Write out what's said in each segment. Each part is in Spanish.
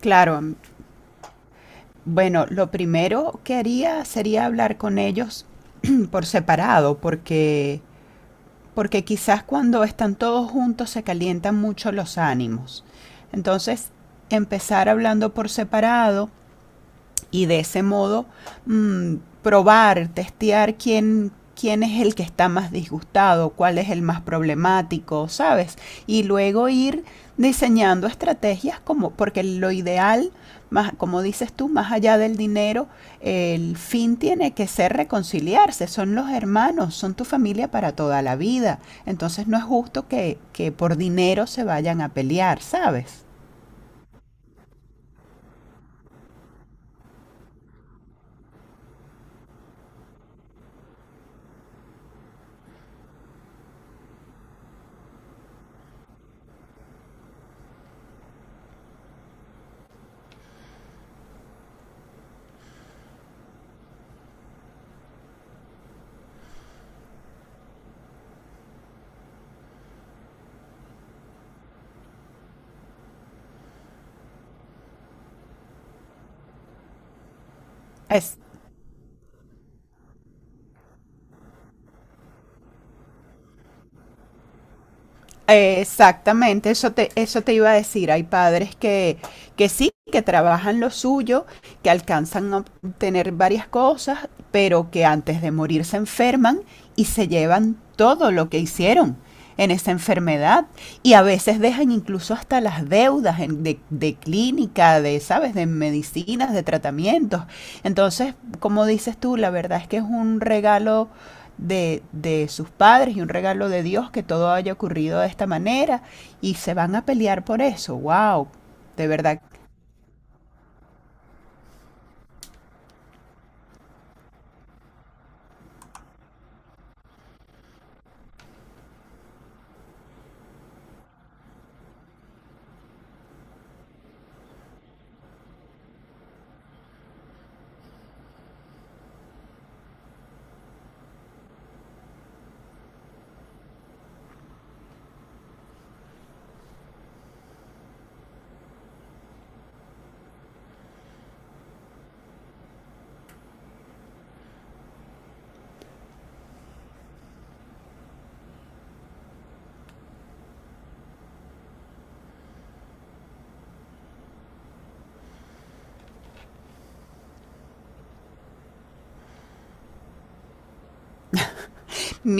Claro, bueno, lo primero que haría sería hablar con ellos por separado, porque quizás cuando están todos juntos se calientan mucho los ánimos. Entonces, empezar hablando por separado, y de ese modo mm, probar, testear quién es el que está más disgustado, cuál es el más problemático, ¿sabes? Y luego ir diseñando estrategias como, porque lo ideal, más, como dices tú, más allá del dinero, el fin tiene que ser reconciliarse, son los hermanos, son tu familia para toda la vida, entonces no es justo que por dinero se vayan a pelear, ¿sabes? Es, Exactamente, eso te iba a decir. Hay padres que sí, que trabajan lo suyo, que alcanzan a obtener varias cosas, pero que antes de morir se enferman y se llevan todo lo que hicieron en esa enfermedad. Y a veces dejan incluso hasta las deudas en- de clínica, de, ¿sabes?, de medicinas, de tratamientos. Entonces, como dices tú, la verdad es que es un regalo de, sus padres y un regalo de Dios que todo haya ocurrido de esta manera y se van a pelear por eso. ¡Wow! De verdad.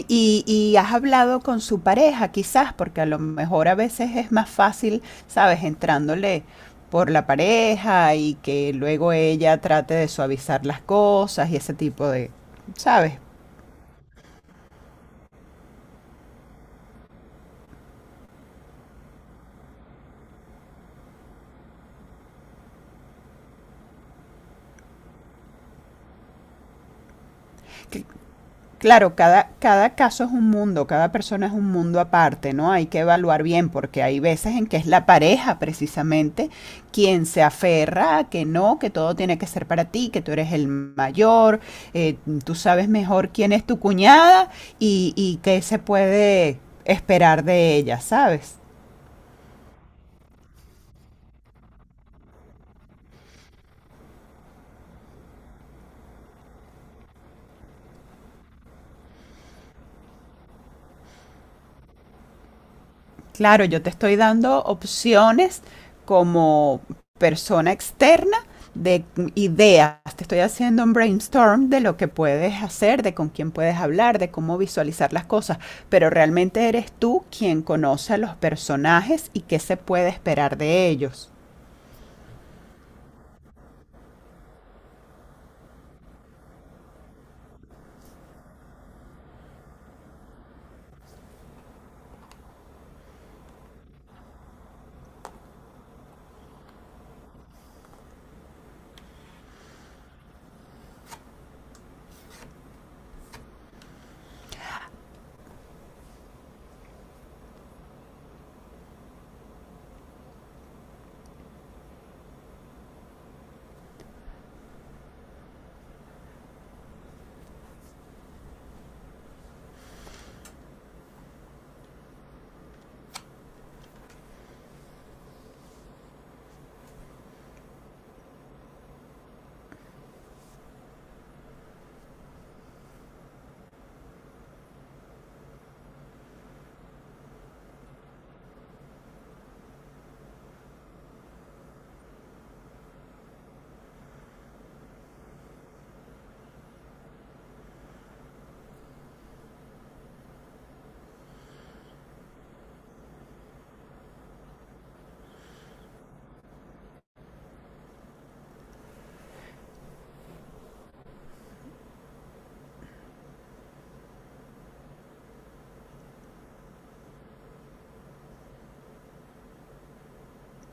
Y has hablado con su pareja quizás, porque a lo mejor a veces es más fácil, ¿sabes? Entrándole por la pareja y que luego ella trate de suavizar las cosas y ese tipo de, ¿sabes? Claro, cada caso es un mundo, cada persona es un mundo aparte, ¿no? Hay que evaluar bien porque hay veces en que es la pareja precisamente quien se aferra a que no, que todo tiene que ser para ti, que tú eres el mayor, eh, tú sabes mejor quién es tu cuñada y qué se puede esperar de ella, ¿sabes? Claro, yo te estoy dando opciones como persona externa de ideas. Te estoy haciendo un brainstorm de lo que puedes hacer, de con quién puedes hablar, de cómo visualizar las cosas, pero realmente eres tú quien conoce a los personajes y qué se puede esperar de ellos.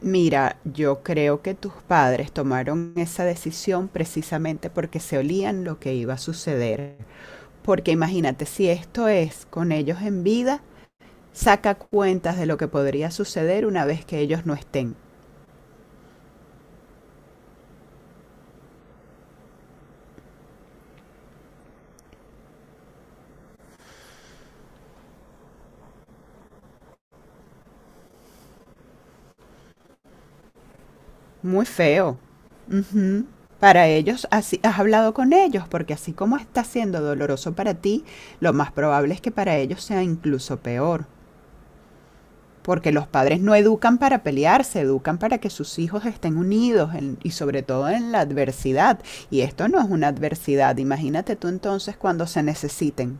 Mira, yo creo que tus padres tomaron esa decisión precisamente porque se olían lo que iba a suceder. Porque imagínate, si esto es con ellos en vida, saca cuentas de lo que podría suceder una vez que ellos no estén. Muy feo. Ujú. Para ellos, así, has hablado con ellos, porque así como está siendo doloroso para ti, lo más probable es que para ellos sea incluso peor. Porque los padres no educan para pelearse, educan para que sus hijos estén unidos en- y sobre todo en la adversidad. Y esto no es una adversidad. Imagínate tú entonces cuando se necesiten.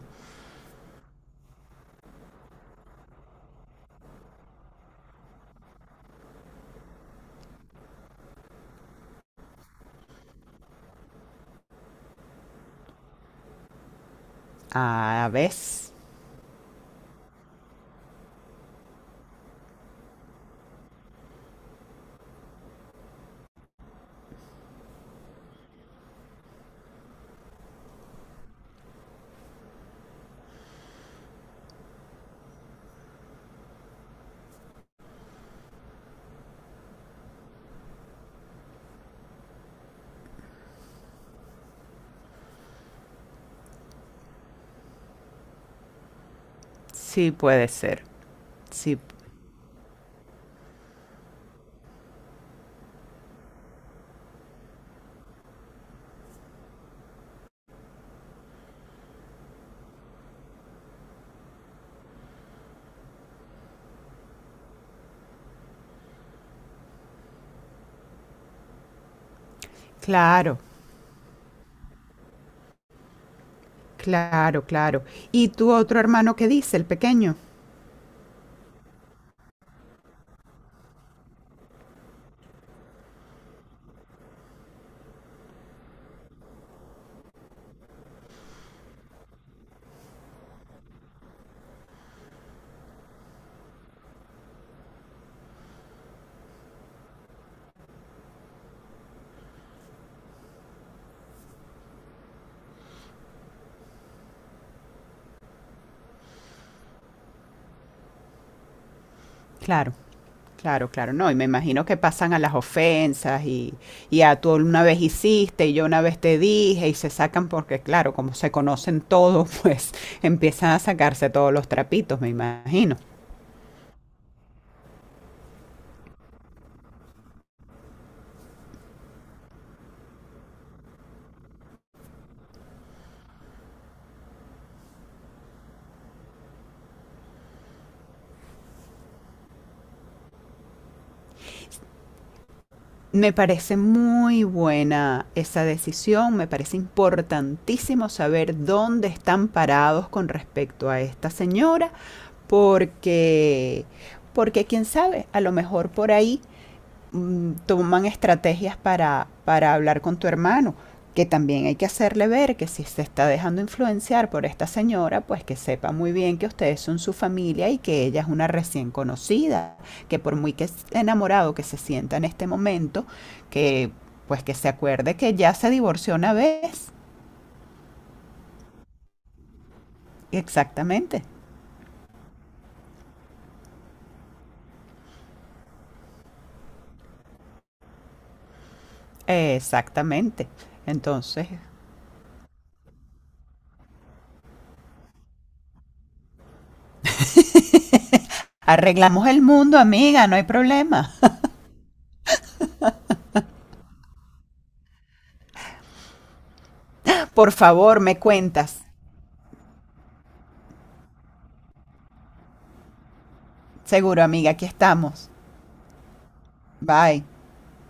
A veces. Sí puede ser. Sí. Claro. Claro, claro. ¿Y tu otro hermano qué dice, el pequeño? Claro, claro, claro. No, y me imagino que pasan a las ofensas y a tú una vez hiciste y yo una vez te dije y se sacan porque, claro, como se conocen todos, pues empiezan a sacarse todos los trapitos, me imagino. Me parece muy buena esa decisión, me parece importantísimo saber dónde están parados con respecto a esta señora, porque, porque, quién sabe, a lo mejor por ahí toman estrategias para hablar con tu hermano, que también hay que hacerle ver que si se está dejando influenciar por esta señora, pues que sepa muy bien que ustedes son su familia y que ella es una recién conocida, que por muy que enamorado que se sienta en este momento, que pues que se acuerde que ya se divorció una vez. Exactamente, exactamente. Entonces, arreglamos el mundo, amiga, no hay problema. Por favor, me cuentas. Seguro, amiga, aquí estamos. Bye.